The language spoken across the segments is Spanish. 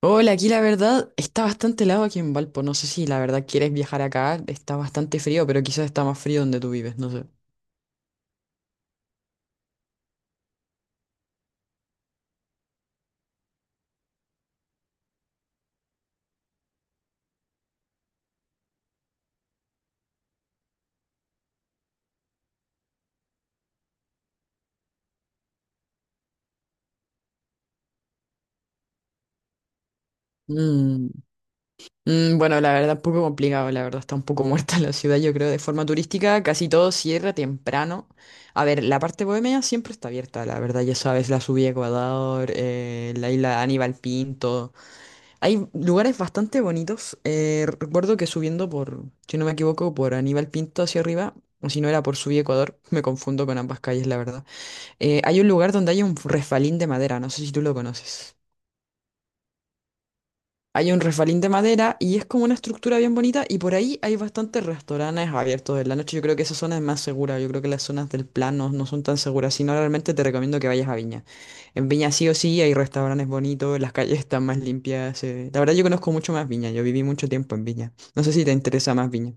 Hola, aquí la verdad está bastante helado aquí en Valpo. No sé si la verdad quieres viajar acá. Está bastante frío, pero quizás está más frío donde tú vives, no sé. Mm, bueno, la verdad, un poco complicado, la verdad, está un poco muerta la ciudad, yo creo, de forma turística, casi todo cierra temprano. A ver, la parte bohemia siempre está abierta, la verdad, ya sabes, la subida a Ecuador, la isla Aníbal Pinto. Hay lugares bastante bonitos. Recuerdo que subiendo por, si no me equivoco, por Aníbal Pinto hacia arriba, o si no era por Subí Ecuador, me confundo con ambas calles, la verdad. Hay un lugar donde hay un refalín de madera, no sé si tú lo conoces. Hay un refalín de madera y es como una estructura bien bonita y por ahí hay bastantes restaurantes abiertos en la noche. Yo creo que esa zona es más segura, yo creo que las zonas del plano no son tan seguras, si no realmente te recomiendo que vayas a Viña. En Viña sí o sí hay restaurantes bonitos, las calles están más limpias. La verdad yo conozco mucho más Viña, yo viví mucho tiempo en Viña. No sé si te interesa más Viña.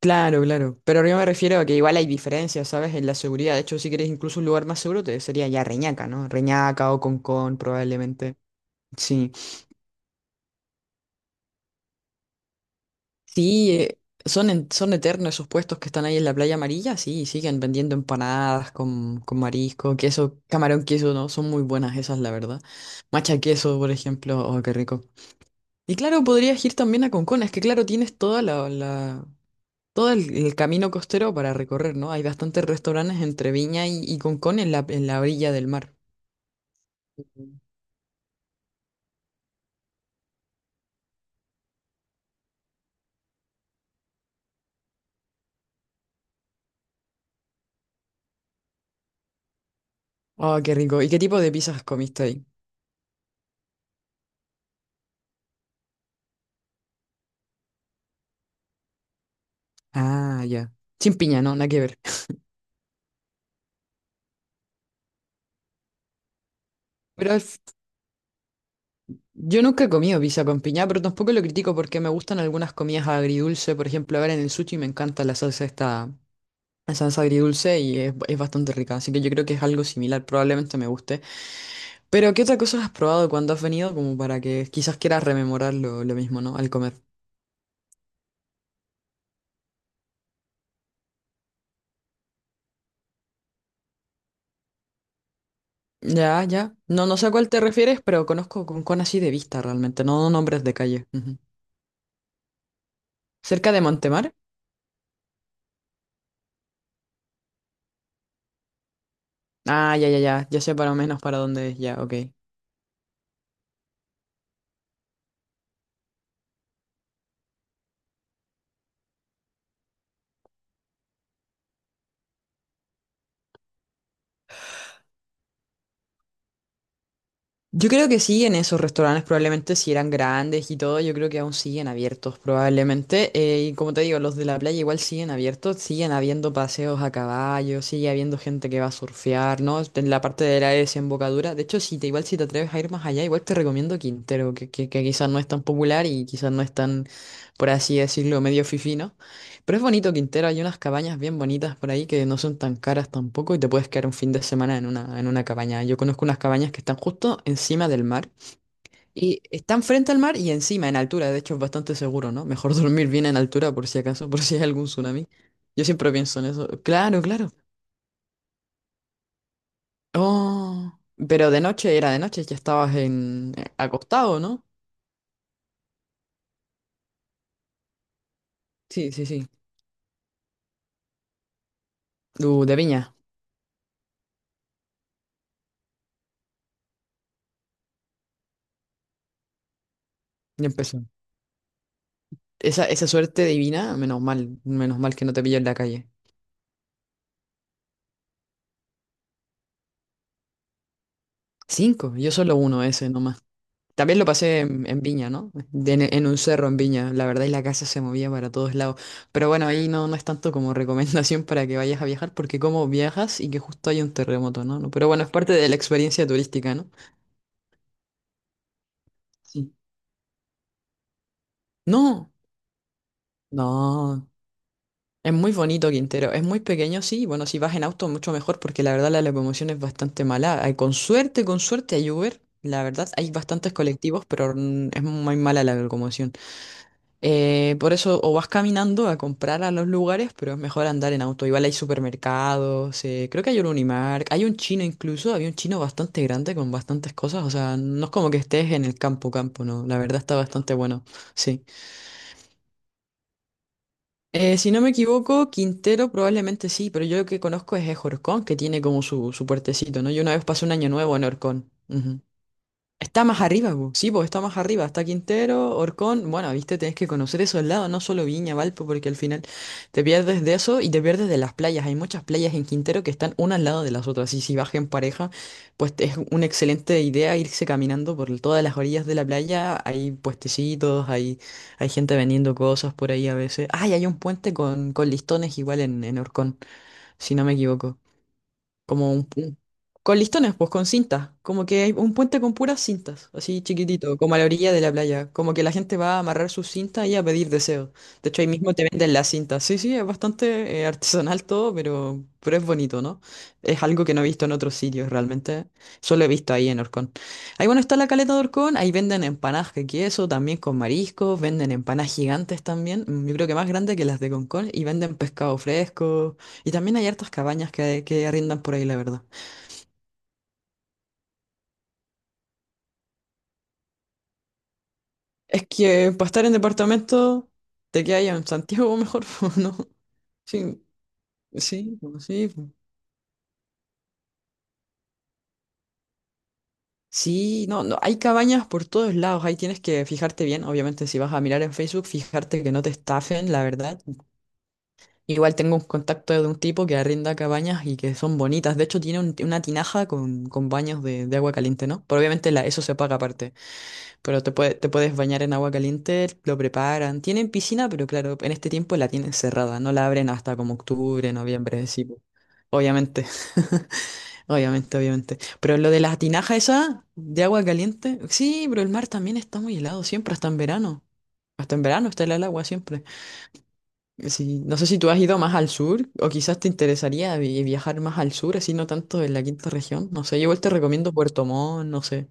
Claro, claro. Pero yo me refiero a que igual hay diferencias, ¿sabes? En la seguridad. De hecho, si quieres incluso un lugar más seguro, te sería ya Reñaca, ¿no? Reñaca o Concón, probablemente. Sí. Sí, son, son eternos esos puestos que están ahí en la playa amarilla. Sí, siguen vendiendo empanadas con marisco, queso, camarón, queso, ¿no? Son muy buenas esas, la verdad. Macha queso, por ejemplo. Oh, qué rico. Y claro, podrías ir también a Concón, es que claro, tienes todo el camino costero para recorrer, ¿no? Hay bastantes restaurantes entre Viña y Concón en la orilla del mar. Ujú. Oh, qué rico. ¿Y qué tipo de pizzas comiste ahí? Ah, ya. Sin piña, no, nada que ver. Pero al f- yo nunca he comido pizza con piña, pero tampoco lo critico porque me gustan algunas comidas agridulce. Por ejemplo, a ver, en el sushi me encanta la salsa esta, la salsa agridulce y es bastante rica. Así que yo creo que es algo similar, probablemente me guste. Pero, ¿qué otra cosa has probado cuando has venido? Como para que quizás quieras rememorar lo mismo, ¿no? Al comer. Ya, ya. No, no sé a cuál te refieres, pero conozco con así de vista realmente, no nombres de calle. Ujú. ¿Cerca de Montemar? Ah, ya, ya, ya. Ya sé para menos para dónde es. Ya, ok. Yo creo que sí, en esos restaurantes probablemente si eran grandes y todo, yo creo que aún siguen abiertos probablemente. Y como te digo, los de la playa igual siguen abiertos, siguen habiendo paseos a caballo, sigue habiendo gente que va a surfear, ¿no? En la parte de la desembocadura. De hecho, si te igual si te atreves a ir más allá, igual te recomiendo Quintero, que quizás no es tan popular y quizás no es tan, por así decirlo, medio fifino. Pero es bonito Quintero, hay unas cabañas bien bonitas por ahí que no son tan caras tampoco y te puedes quedar un fin de semana en una cabaña. Yo conozco unas cabañas que están justo encima del mar y están frente al mar y encima, en altura. De hecho, es bastante seguro, ¿no? Mejor dormir bien en altura por si acaso, por si hay algún tsunami. Yo siempre pienso en eso. Claro, claro. Oh, pero de noche era de noche, ya estabas en acostado, ¿no? Sí, sí, sí. De viña, ya empezó. Esa suerte divina, menos mal que no te pillo en la calle. Cinco, yo solo uno ese nomás. También lo pasé en Viña, ¿no? En un cerro en Viña, la verdad, y la casa se movía para todos lados. Pero bueno, ahí no, no es tanto como recomendación para que vayas a viajar, porque como viajas y que justo hay un terremoto, ¿no? No, pero bueno, es parte de la experiencia turística, ¿no? Sí. No, no. Es muy bonito Quintero, es muy pequeño, sí. Bueno, si vas en auto, mucho mejor, porque la verdad la locomoción es bastante mala. Ay, con suerte, con suerte hay Uber. La verdad, hay bastantes colectivos, pero es muy mala la locomoción. Por eso o vas caminando a comprar a los lugares, pero es mejor andar en auto. Igual hay supermercados, creo que hay un Unimark, hay un chino incluso, había un chino bastante grande con bastantes cosas, o sea, no es como que estés en el campo campo, no, la verdad está bastante bueno, sí. Si no me equivoco, Quintero probablemente sí, pero yo lo que conozco es Horcón, que tiene como su puertecito, ¿no? Yo una vez pasé un año nuevo en Horcón. Ujú. Está más arriba, bu. Sí, pues está más arriba. Está Quintero, Orcón. Bueno, viste, tenés que conocer esos lados, no solo Viña, Valpo, porque al final te pierdes de eso y te pierdes de las playas. Hay muchas playas en Quintero que están una al lado de las otras. Y si vas en pareja, pues es una excelente idea irse caminando por todas las orillas de la playa. Hay puestecitos, hay gente vendiendo cosas por ahí a veces. Ay, hay un puente con listones igual en Orcón, si no me equivoco. Como un, pu- con listones, pues con cintas. Como que hay un puente con puras cintas, así chiquitito, como a la orilla de la playa. Como que la gente va a amarrar sus cintas y a pedir deseos. De hecho, ahí mismo te venden las cintas. Sí, sí, es bastante artesanal todo, pero es bonito, ¿no? Es algo que no he visto en otros sitios realmente. Solo he visto ahí en Orcón. Ahí, bueno, está la caleta de Orcón. Ahí venden empanadas de queso, también con mariscos. Venden empanadas gigantes también. Yo creo que más grandes que las de Concón. Y venden pescado fresco. Y también hay hartas cabañas que arrendan por ahí, la verdad. Es que para estar en departamento, te quedas en Santiago mejor, po, ¿no? Sí, sí, po, sí. Po. Sí, no, no, hay cabañas por todos lados, ahí tienes que fijarte bien, obviamente si vas a mirar en Facebook, fijarte que no te estafen, la verdad. Igual tengo un contacto de un tipo que arrienda cabañas y que son bonitas, de hecho tiene una tinaja con baños de agua caliente, ¿no? Pero obviamente la, eso se paga aparte. Te puedes bañar en agua caliente, lo preparan. Tienen piscina, pero claro, en este tiempo la tienen cerrada. No la abren hasta como octubre, noviembre, sí. Po. Obviamente, obviamente, obviamente. Pero lo de las tinajas esa de agua caliente, sí, pero el mar también está muy helado siempre, hasta en verano. Hasta en verano está helada el agua siempre. Sí, no sé si tú has ido más al sur o quizás te interesaría viajar más al sur, así no tanto en la quinta región. No sé, yo igual te recomiendo Puerto Montt, no sé.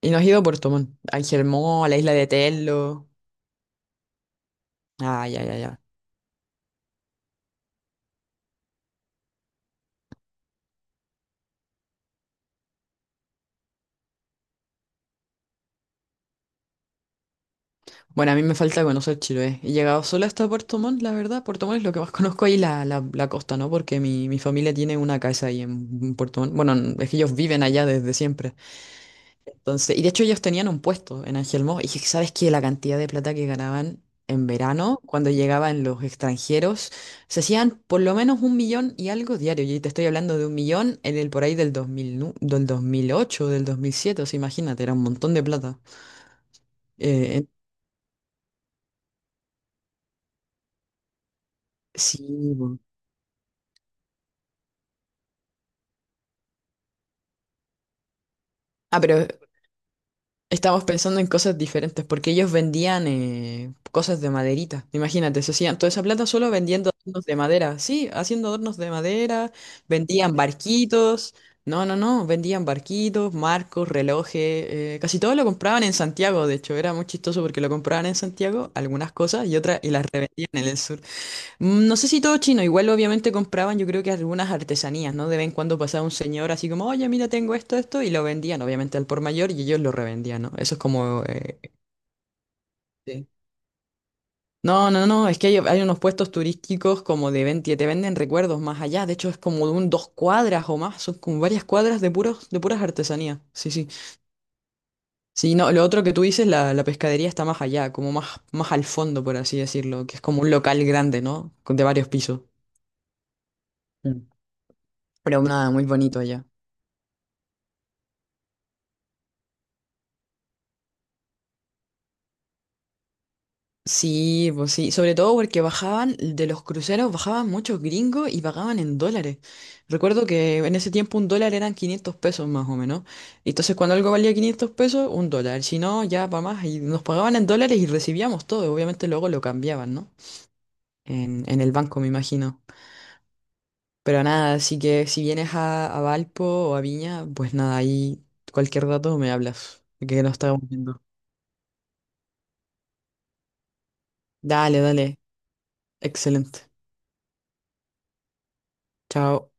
¿Y no has ido a Puerto Montt, a Angelmó, a la isla de Tello? Ah, ya, ya, ya. Bueno, a mí me falta conocer Chiloé. He llegado solo hasta Puerto Montt, la verdad. Puerto Montt es lo que más conozco ahí, la costa, ¿no? Porque mi familia tiene una casa ahí en Puerto Montt. Bueno, es que ellos viven allá desde siempre. Entonces, y de hecho ellos tenían un puesto en Ángel Moss. Y dije, ¿sabes qué? La cantidad de plata que ganaban en verano, cuando llegaban los extranjeros, se hacían por lo menos un millón y algo diario. Y te estoy hablando de un millón en el por ahí del 2000, del 2008, del 2007. O sea, imagínate, era un montón de plata. Eh, Sí, ah, pero estamos pensando en cosas diferentes, porque ellos vendían cosas de maderita. Imagínate, se hacían toda esa plata solo vendiendo adornos de madera. Sí, haciendo adornos de madera, vendían barquitos. No, no, no, vendían barquitos, marcos, relojes. Casi todo lo compraban en Santiago, de hecho, era muy chistoso porque lo compraban en Santiago, algunas cosas, y otras, y las revendían en el sur. Mm, no sé si todo chino, igual obviamente compraban yo creo que algunas artesanías, ¿no? De vez en cuando pasaba un señor así como, oye, mira, tengo esto, esto, y lo vendían obviamente al por mayor y ellos lo revendían, ¿no? Eso es como... sí. No, no, no, es que hay unos puestos turísticos como de que te venden recuerdos más allá, de hecho es como de un dos cuadras o más, son como varias cuadras de puros, de puras artesanías, sí, sí. Sí, no, lo otro que tú dices, la pescadería está más allá, como más, más al fondo, por así decirlo, que es como un local grande, ¿no? De varios pisos. Mm, pero nada, muy bonito allá. Sí, pues sí, sobre todo porque bajaban de los cruceros, bajaban muchos gringos y pagaban en dólares. Recuerdo que en ese tiempo un dólar eran 500 pesos más o menos. Y entonces cuando algo valía 500 pesos, un dólar. Si no, ya para más. Y nos pagaban en dólares y recibíamos todo. Obviamente luego lo cambiaban, ¿no? En el banco, me imagino. Pero nada, así que si vienes a Valpo o a Viña, pues nada, ahí cualquier dato me hablas. Que nos estamos viendo. Dale, dale. Excelente. Chao.